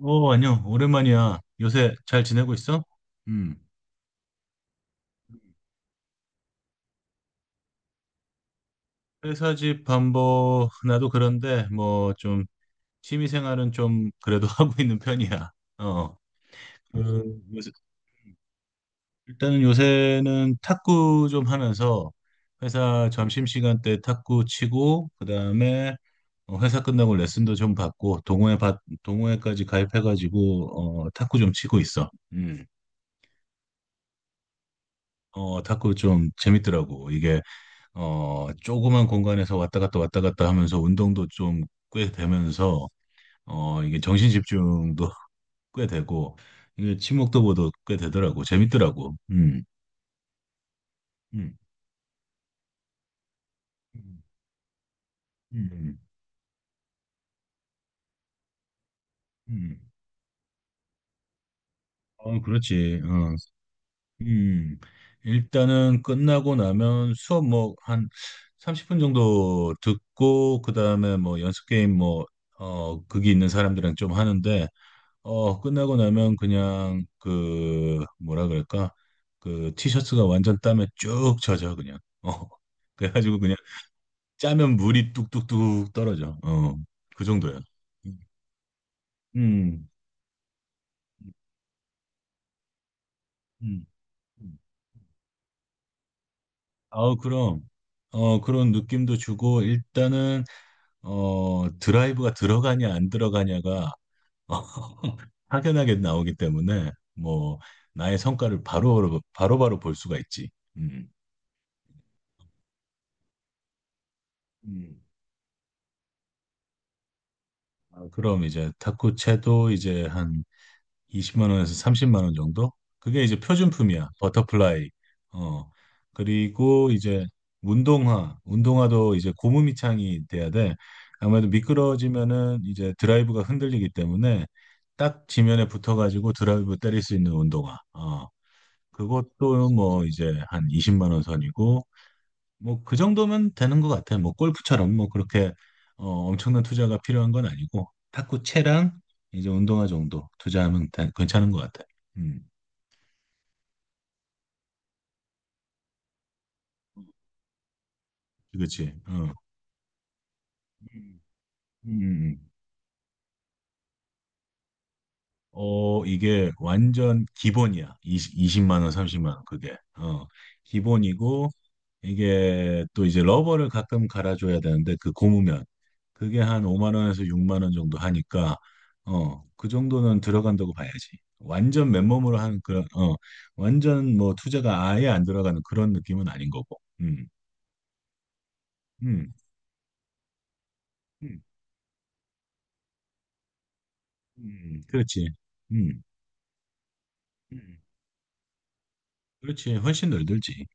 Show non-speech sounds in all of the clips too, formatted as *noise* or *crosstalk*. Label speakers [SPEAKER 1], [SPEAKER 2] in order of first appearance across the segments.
[SPEAKER 1] 안녕. 오랜만이야. 요새 잘 지내고 있어? 음. 회사 집 반보 나도 그런데 뭐 좀 취미 생활은 좀 그래도 *laughs* 하고 있는 편이야. 어. 그 요새- 일단은 요새는 탁구 좀 하면서 회사 점심시간 때 탁구 치고 그다음에 회사 끝나고 레슨도 좀 받고 동호회까지 가입해 가지고 탁구 좀 치고 있어. 음. 탁구 좀 재밌더라고. 이게 조그만 공간에서 왔다 갔다 왔다 갔다 하면서 운동도 좀 꽤 되면서, 이게 정신 집중도 *laughs* 꽤 되고, 이게 친목도 보도 꽤 되더라고. 재밌더라고. 음, 음, 음, 음. 그렇지. 음. 일단은 끝나고 나면 수업 뭐 한 30분 정도 듣고, 그 다음에 뭐 연습 게임 뭐, 극이 있는 사람들이랑 좀 하는데, 끝나고 나면 그냥 그 뭐라 그럴까? 그 티셔츠가 완전 땀에 쭉 젖어 그냥. 어. *laughs* 그래가지고 그냥 짜면 물이 뚝뚝뚝 떨어져. 어. 그 정도야. 음. 음. 음. 음. 아우 그럼 그런 느낌도 주고 일단은 드라이브가 들어가냐 안 들어가냐가 *laughs* 확연하게 나오기 때문에 뭐 나의 성과를 바로 바로 바로 볼 수가 있지. 음. 아, 그럼 이제 탁구채도 이제 한 20만 원에서 30만 원 정도? 그게 이제 표준품이야. 버터플라이. 어. 그리고 이제 운동화. 운동화도 이제 고무 밑창이 돼야 돼. 아무래도 미끄러지면은 이제 드라이브가 흔들리기 때문에 딱 지면에 붙어가지고 드라이브 때릴 수 있는 운동화. 어. 그것도 뭐 이제 한 20만 원 선이고 뭐 그 정도면 되는 것 같아요. 뭐 골프처럼 뭐 그렇게 엄청난 투자가 필요한 건 아니고 탁구 채랑 이제 운동화 정도 투자하면 괜찮은 것 같아요. 음, 그렇지. 어. 음, 음, 음. 이게 완전 기본이야. 20, 이십만 원, 30만 원 그게. 기본이고 이게 또 이제 러버를 가끔 갈아줘야 되는데 그 고무면 그게 한 5만 원에서 6만 원 정도 하니까 그 정도는 들어간다고 봐야지 완전 맨몸으로 하는 그런 완전 뭐 투자가 아예 안 들어가는 그런 느낌은 아닌 거고 음, 음, 음, 그렇지 음, 음. 그렇지 훨씬 덜 들지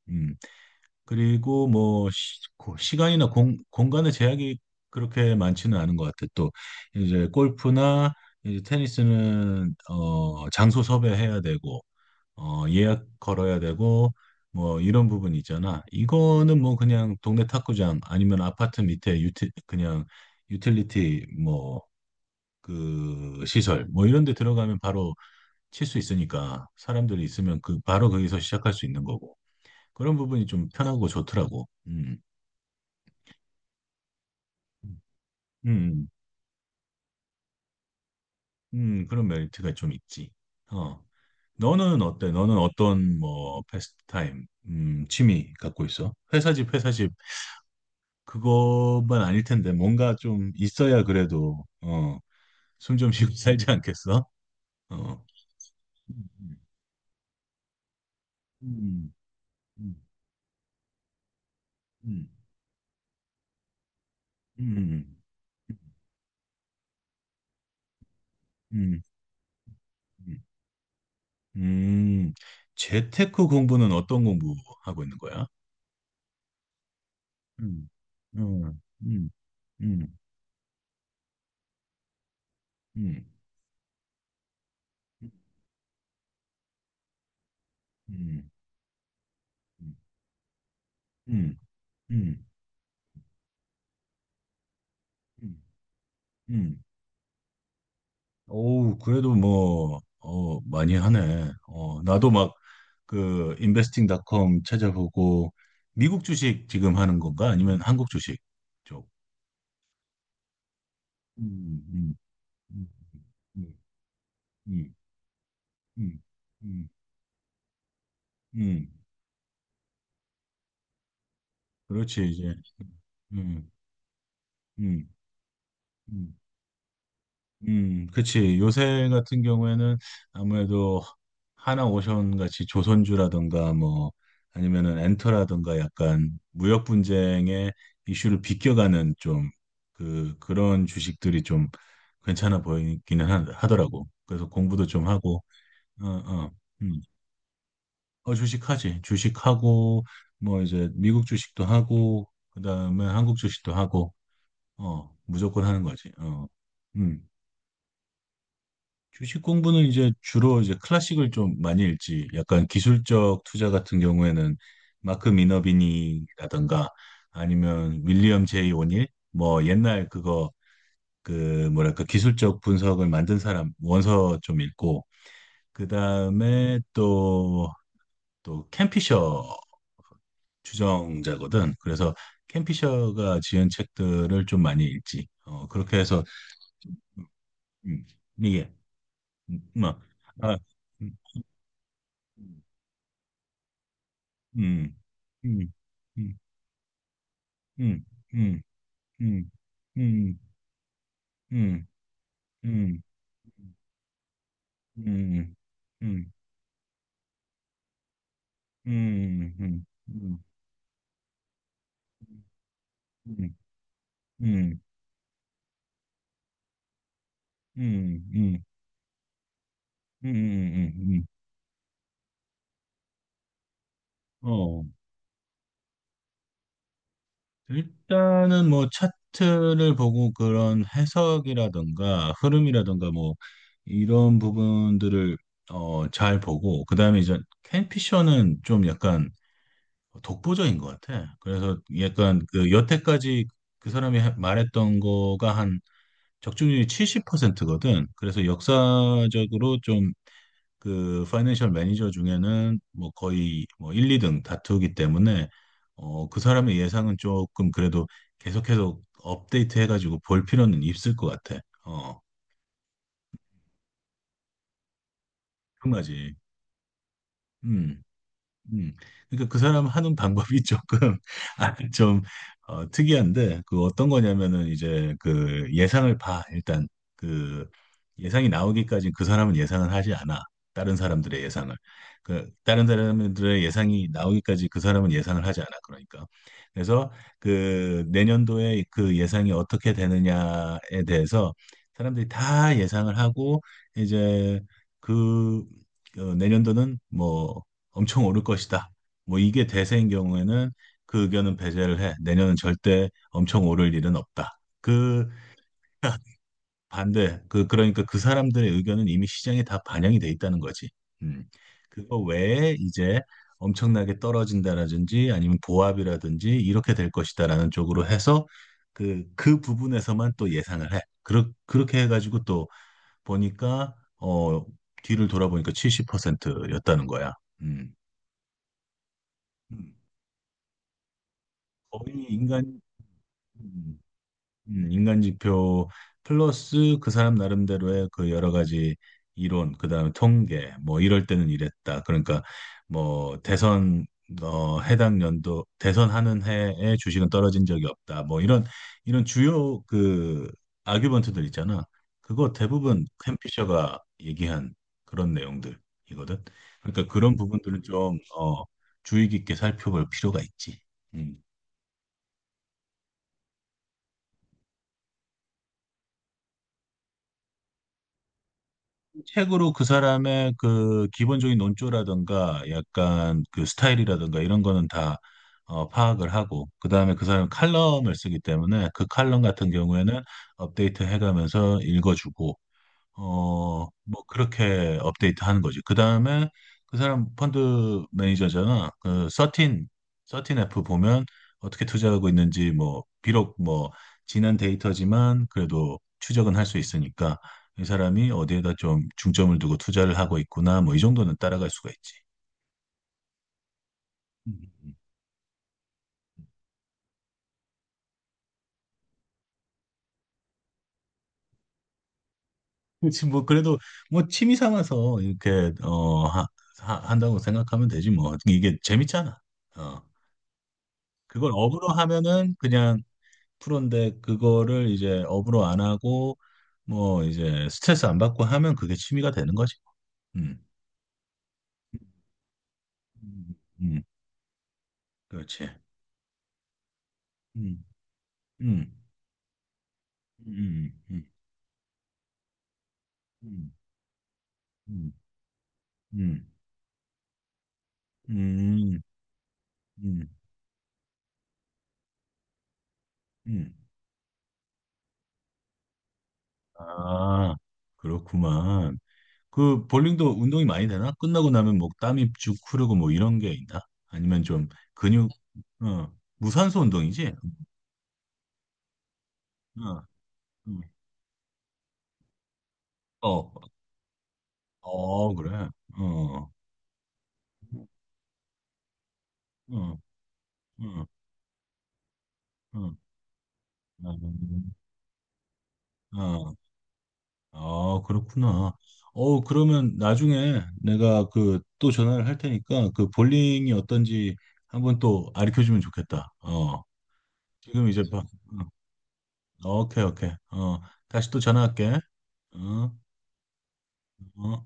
[SPEAKER 1] 그리고 뭐 시간이나 공간의 제약이 그렇게 많지는 않은 것 같아. 또 이제 골프나 이제 테니스는 장소 섭외해야 되고 예약 걸어야 되고 뭐 이런 부분 있잖아. 이거는 뭐 그냥 동네 탁구장 아니면 아파트 밑에 그냥 유틸리티 뭐 그 시설 뭐 이런 데 들어가면 바로 칠 수 있으니까 사람들이 있으면 그 바로 거기서 시작할 수 있는 거고 그런 부분이 좀 편하고 좋더라고. 음. 음, 음, 그런 메리트가 좀 있지. 어, 너는 어때? 너는 어떤 뭐 패스트타임, 취미 갖고 있어? 회사 집, 회사 집 그것만 아닐 텐데 뭔가 좀 있어야 그래도 숨 좀 쉬고 *laughs* 살지 않겠어? 어, 음, 음, 음, 음, 음, 음, 음, 음. 재테크 공부는 어떤 공부 하고 있는 거야? 음, 음, 음, 음, 음, 음, 음. 음. 음, 음, 음. 오우 그래도 뭐, 많이 하네. 나도 막, 인베스팅 닷컴 찾아보고, 미국 주식 지금 하는 건가? 아니면 한국 주식 쪽? 음, 음, 음, 음, 음, 음, 음, 음. 그렇지, 이제. 음, 음, 음. 그치. 요새 같은 경우에는 아무래도 하나오션 같이 조선주라든가 뭐 아니면은 엔터라든가 약간 무역 분쟁의 이슈를 비껴가는 좀 그런 주식들이 좀 괜찮아 보이기는 하더라고. 그래서 공부도 좀 하고, 어, 어, 음. 주식하지. 주식하고, 뭐 이제 미국 주식도 하고, 그 다음에 한국 주식도 하고, 무조건 하는 거지. 어, 음. 주식 공부는 이제 주로 이제 클래식을 좀 많이 읽지. 약간 기술적 투자 같은 경우에는 마크 미너비니라든가 아니면 윌리엄 제이 오닐 뭐 옛날 그거 그 뭐랄까 기술적 분석을 만든 사람 원서 좀 읽고 그다음에 또 캠피셔 주정자거든. 그래서 캠피셔가 지은 책들을 좀 많이 읽지. 그렇게 해서 음, 이게 뭐, 아, 음. 음, 음, 음, 음, 음, 음, 음, 음, 음, 음, 음, 음, 음, 음, 음, 음, 음, 음. 어, 일단은 뭐 차트를 보고 그런 해석이라든가 흐름이라든가 뭐 이런 부분들을 잘 보고 그다음에 이제 캔피셔는 좀 약간 독보적인 것 같아. 그래서 약간 그 여태까지 그 사람이 말했던 거가 한 적중률이 70%거든. 그래서 역사적으로 좀 그 파이낸셜 매니저 중에는 뭐 거의 뭐 1, 2등 다투기 때문에 그 사람의 예상은 조금 그래도 계속해서 업데이트 해가지고 볼 필요는 있을 것 같아. 어, 그런 거지. 음. 그러니까 그 사람 하는 방법이 *laughs* 조금 좀 특이한데 그 어떤 거냐면은 이제 그 예상을 봐. 일단 그 예상이 나오기까지 그 사람은 예상을 하지 않아. 다른 사람들의 예상을. 그 다른 사람들의 예상이 나오기까지 그 사람은 예상을 하지 않아. 그러니까. 그래서 그 내년도에 그 예상이 어떻게 되느냐에 대해서 사람들이 다 예상을 하고 이제 그 내년도는 뭐 엄청 오를 것이다. 뭐 이게 대세인 경우에는 그 의견은 배제를 해. 내년은 절대 엄청 오를 일은 없다. 그 반대, 그러니까 그 사람들의 의견은 이미 시장에 다 반영이 돼 있다는 거지. 음. 그거 외에 이제 엄청나게 떨어진다라든지 아니면 보합이라든지 이렇게 될 것이다라는 쪽으로 해서 그 부분에서만 또 예상을 해. 그렇게 해가지고 또 보니까, 뒤를 돌아보니까 70%였다는 거야. 음. 음. 거의 인간 음, 음, 인간 지표 플러스 그 사람 나름대로의 그 여러 가지 이론, 그다음에 통계, 뭐 이럴 때는 이랬다. 그러니까 뭐 대선 해당 연도 대선하는 해에 주식은 떨어진 적이 없다. 뭐 이런 주요 그 아규먼트들 있잖아. 그거 대부분 캠피셔가 얘기한 그런 내용들이거든. 그러니까 그런 부분들은 좀 주의 깊게 살펴볼 필요가 있지. 음. 책으로 그 사람의 그 기본적인 논조라든가 약간 그 스타일이라든가 이런 거는 다 파악을 하고 그다음에 그 사람은 칼럼을 쓰기 때문에 그 칼럼 같은 경우에는 업데이트 해가면서 읽어주고 뭐 그렇게 업데이트 하는 거지. 그 다음에 그 사람 펀드 매니저잖아. 그 13F 보면 어떻게 투자하고 있는지 뭐 비록 뭐 지난 데이터지만 그래도 추적은 할 수 있으니까 이 사람이 어디에다 좀 중점을 두고 투자를 하고 있구나 뭐 이 정도는 따라갈 수가 있지. 음. 그렇지 뭐 그래도 뭐 취미 삼아서 이렇게 한다고 생각하면 되지 뭐 이게 재밌잖아. 어 그걸 업으로 하면은 그냥 프로인데 그거를 이제 업으로 안 하고 뭐 이제 스트레스 안 받고 하면 그게 취미가 되는 거지. 음, 음, 음, 그렇지. 음, 음, 음, 음, 음, 음, 음, 음, 음, 음. 아, 그렇구만. 그 볼링도 운동이 많이 되나? 끝나고 나면 뭐 땀이 쭉 흐르고 뭐 이런 게 있나? 아니면 좀 근육, 어, 무산소 운동이지? 어, 음. 어, 어, 그래. 어. 어. 응, 응, 응, 음, 아, 아, 그렇구나. 그러면 나중에 내가 그 또 전화를 할 테니까 그 볼링이 어떤지 한번 또 가르쳐 주면 좋겠다. 어, 지금 이제 봐. 오케이, 오케이. 다시 또 전화할게. 어, 어.